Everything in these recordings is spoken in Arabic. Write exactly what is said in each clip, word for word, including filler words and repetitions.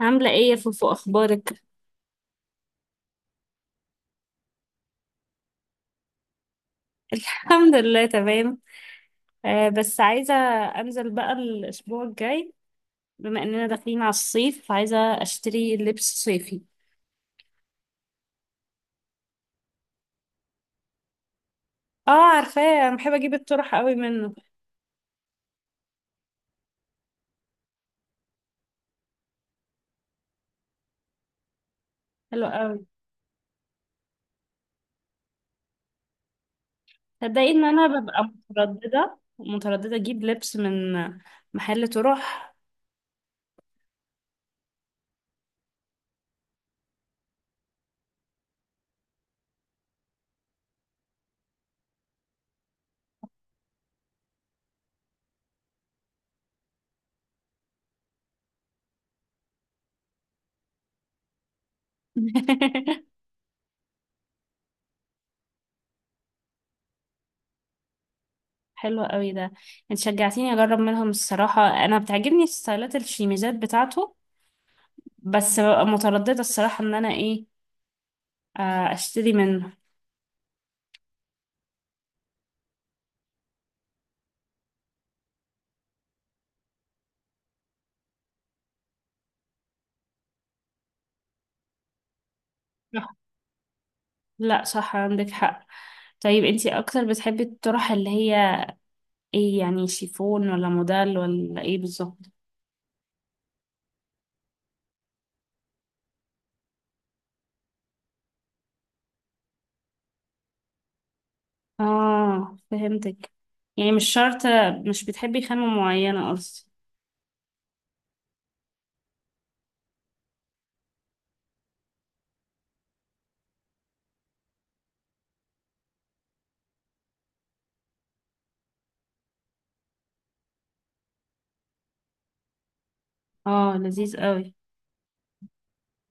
عاملة ايه يا فوفو، اخبارك؟ الحمد لله تمام. آه، بس عايزة انزل بقى الاسبوع الجاي. بما اننا داخلين على الصيف عايزة اشتري لبس صيفي. اه، عارفاه انا بحب اجيب الطرح قوي منه. حلو قوي. تصدقي ان انا ببقى مترددة مترددة اجيب لبس من محل طرح. حلو قوي ده. انت شجعتيني اجرب منهم الصراحة، انا بتعجبني ستايلات الشيميزات بتاعته. بس ببقى مترددة الصراحة ان انا ايه آه، اشتري منه. لا، صح عندك حق. طيب انتي اكتر بتحبي الطرح اللي هي ايه؟ يعني شيفون ولا موديل ولا ايه بالظبط؟ اه، فهمتك. يعني مش شرط، مش بتحبي خامة معينة قصدي. اه، لذيذ قوي.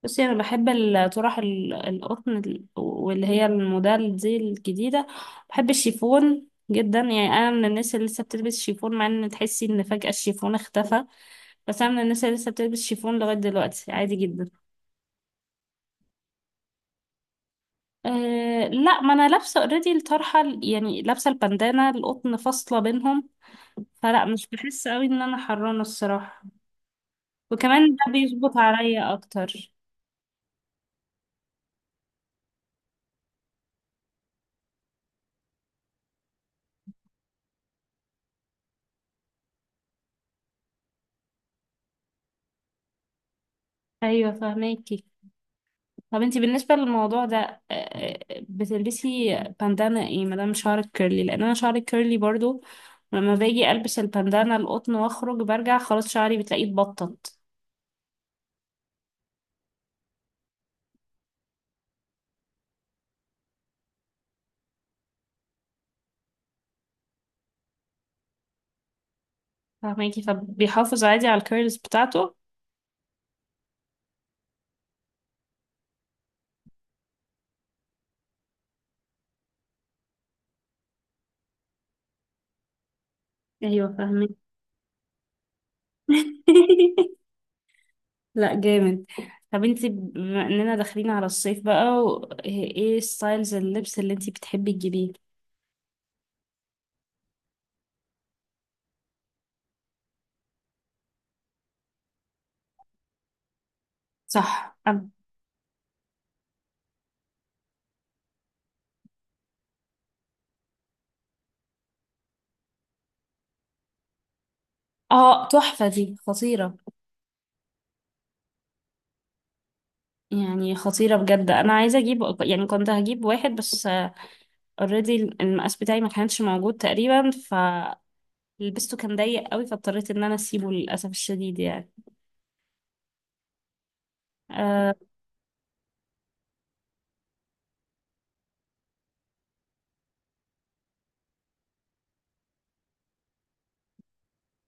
بصي انا بحب الطرح ال- القطن ال- واللي هي الموديل دي الجديدة. بحب الشيفون جدا، يعني انا من الناس اللي لسه بتلبس شيفون مع ان تحسي ان فجأة الشيفون اختفى. بس انا من الناس اللي لسه بتلبس شيفون لغاية دلوقتي عادي جدا. أه، لا، ما انا لابسه اوريدي الطرحه ال- يعني لابسه البندانه القطن فاصله بينهم. فلا، مش بحس قوي ان انا حرانه الصراحه. وكمان ده بيظبط عليا اكتر. ايوه، فهماكي. طب انتي بالنسبه للموضوع ده أه آه، بتلبسي بندانه ايه ما دام شعرك كيرلي، لان انا شعري كيرلي برضو. لما باجي البس البندانه القطن واخرج برجع خلاص شعري بتلاقيه اتبطط. فهماكي، فبيحافظ عادي على الكيرلز بتاعته. ايوه، فهماكي. لا، جامد. طب انت بما اننا داخلين على الصيف بقى و- ايه ستايلز اللبس اللي انت بتحبي تجيبيه؟ صح. أب- اه، تحفة دي خطيرة. يعني خطيرة بجد، انا عايزة اجيب يعني كنت هجيب واحد بس اوريدي المقاس بتاعي ما كانش موجود تقريبا فلبسته. كان ضيق قوي فاضطريت ان انا اسيبه للاسف الشديد يعني. أه،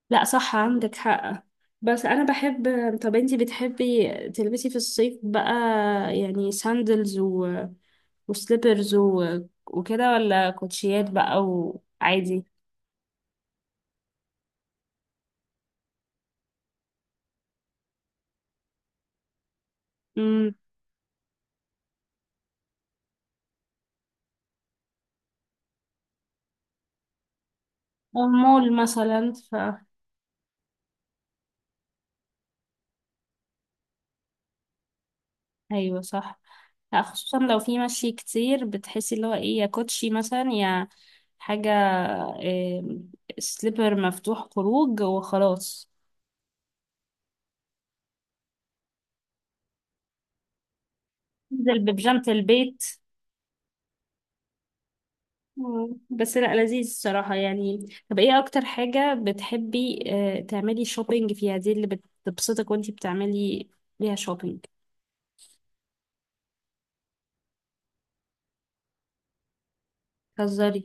لا، صح عندك حق. بس انا بحب. طب انتي بتحبي تلبسي في الصيف بقى يعني ساندلز وسليبرز و... وكده، ولا كوتشيات بقى وعادي. امم أو مول مثلا ف أيوة صح. لا، خصوصا لو في مشي كتير بتحسي اللي هو ايه، يا كوتشي مثلا يا حاجة، إيه، سليبر مفتوح خروج وخلاص. انزل ببيجامة البيت. مم. بس لا، لذيذ الصراحة يعني. طب ايه أكتر حاجة بتحبي آه، تعملي شوبينج فيها دي اللي بتبسطك وانتي بتعملي ليها شوبينج؟ هزاري.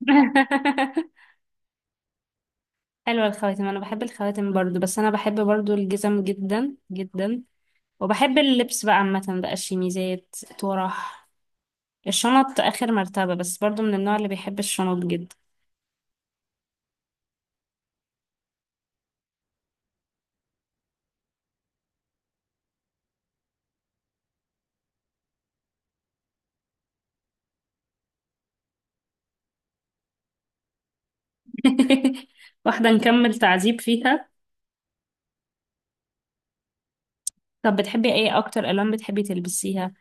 حلوة الخواتم. أنا بحب الخواتم برضو، بس أنا بحب برضو الجزم جدا جدا. وبحب اللبس بقى عامة، بقى الشميزات، طرح. الشنط آخر مرتبة، بس برضو من النوع اللي بيحب الشنط جدا. واحدة نكمل تعذيب فيها. طب بتحبي ايه أكتر ألوان بتحبي تلبسيها؟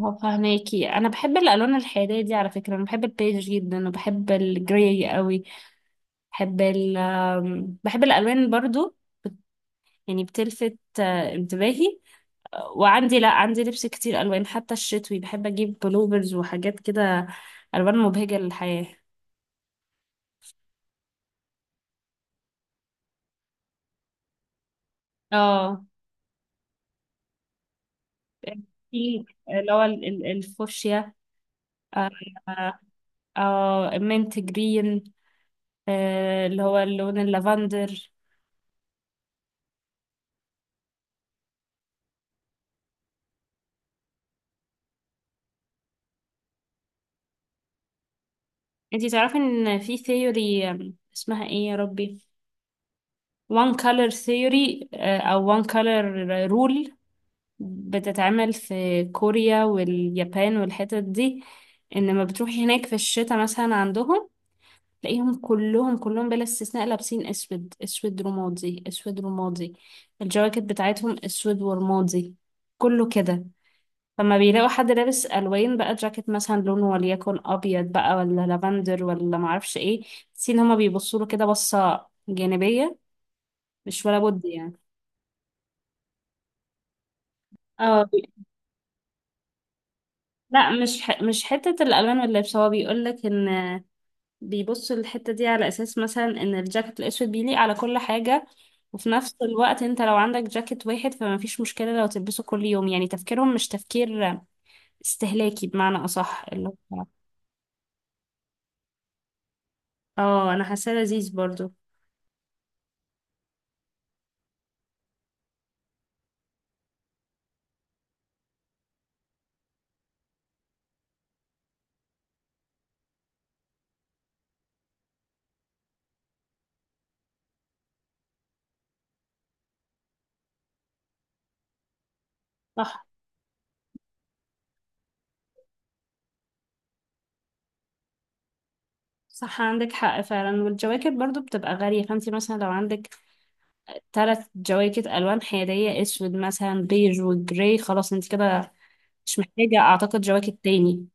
هو فهماكي، أنا بحب الألوان الحيادية دي. على فكرة أنا بحب البيج جدا وبحب الجراي قوي. بحب ال آم، بحب الألوان برضو، يعني بتلفت آه، انتباهي. وعندي، لا، عندي لبس كتير الوان، حتى الشتوي بحب اجيب بلوفرز وحاجات كده، الوان مبهجه للحياه. اه، في اللي هو ال- ال- الفوشيا. آه، آه، آه، المنت جرين. آه، اللي هو اللون اللافندر. انتي تعرفي ان في ثيوري، اسمها ايه يا ربي، وان color ثيوري، او وان color رول، بتتعمل في كوريا واليابان والحتت دي. ان لما بتروحي هناك في الشتاء مثلا عندهم تلاقيهم كلهم كلهم بلا استثناء لابسين اسود، اسود رمادي، اسود رمادي. الجواكت بتاعتهم اسود ورمادي، كله كده. فما بيلاقوا حد لابس الوان بقى، جاكيت مثلا لونه وليكن ابيض بقى، ولا لافندر، ولا معرفش ايه، تحسي ان هما بيبصوا له كده بصه جانبيه. مش ولا بد يعني. اه، بي- لا، مش ح... مش حته الالوان واللبس. هو بيقول لك ان بيبصوا الحتة دي على أساس مثلا إن الجاكيت الأسود بيليق على كل حاجة، وفي نفس الوقت أنت لو عندك جاكيت واحد فما فيش مشكلة لو تلبسه كل يوم. يعني تفكيرهم مش تفكير استهلاكي بمعنى أصح اللي هو. اه، أنا حاساه لذيذ برضو. صح، صح، عندك حق فعلا. والجواكت برضو بتبقى غالية، فانتي مثلا لو عندك تلات جواكت ألوان حيادية، أسود مثلا، بيج، وجراي، خلاص انت كده مش محتاجة أعتقد جواكت تاني.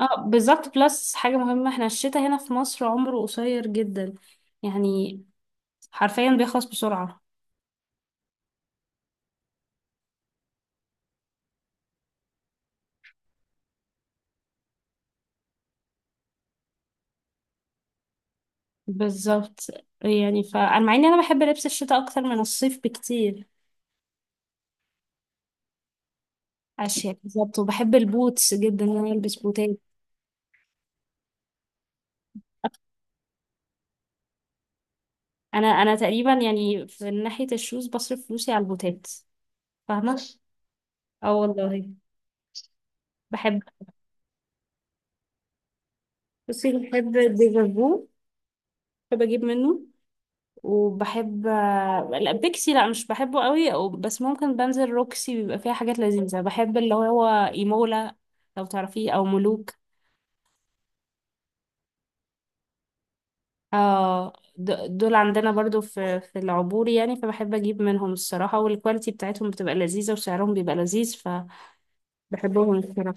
اه، بالظبط. بلس حاجة مهمة، احنا الشتاء هنا في مصر عمره قصير جدا، يعني حرفيا بيخلص بسرعة. بالظبط. يعني فأنا مع إني أنا بحب لبس الشتاء أكتر من الصيف بكتير. أشياء بالظبط، وبحب البوتس جدا إن أنا ألبس بوتات. أنا أنا تقريبا يعني في ناحية الشوز بصرف فلوسي على البوتات. فاهمة؟ اه والله. بحب. بصي بحب ديفرفو، بحب أجيب منه. وبحب، لا، بيكسي لا مش بحبه قوي أو- بس ممكن بنزل روكسي بيبقى فيها حاجات لذيذة. بحب اللي هو ايمولا، لو تعرفيه، او ملوك. اه، د- دول عندنا برضو في في العبور يعني، فبحب اجيب منهم الصراحة. والكواليتي بتاعتهم بتبقى لذيذة وسعرهم بيبقى لذيذ، فبحبهم الصراحة.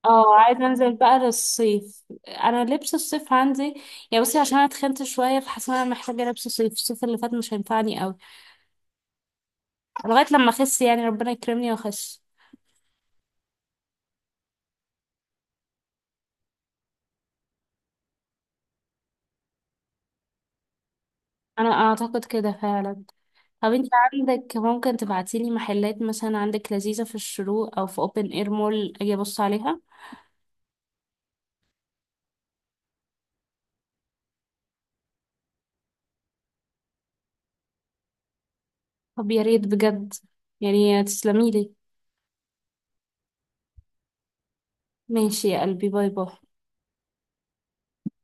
اه، عايزة انزل بقى للصيف. انا لبس الصيف عندي يعني، بصي عشان انا اتخنت شوية فحاسة ان انا محتاجة لبس صيف، الصيف اللي فات مش هينفعني قوي لغاية لما اخس، يعني ربنا يكرمني واخس. انا اعتقد كده فعلا. طب انت عندك ممكن تبعتيلي محلات مثلا عندك لذيذة في الشروق او في اوبن اير مول اجي ابص عليها؟ طب يا ريت بجد، يعني تسلميلي. ماشي يا قلبي، باي باي.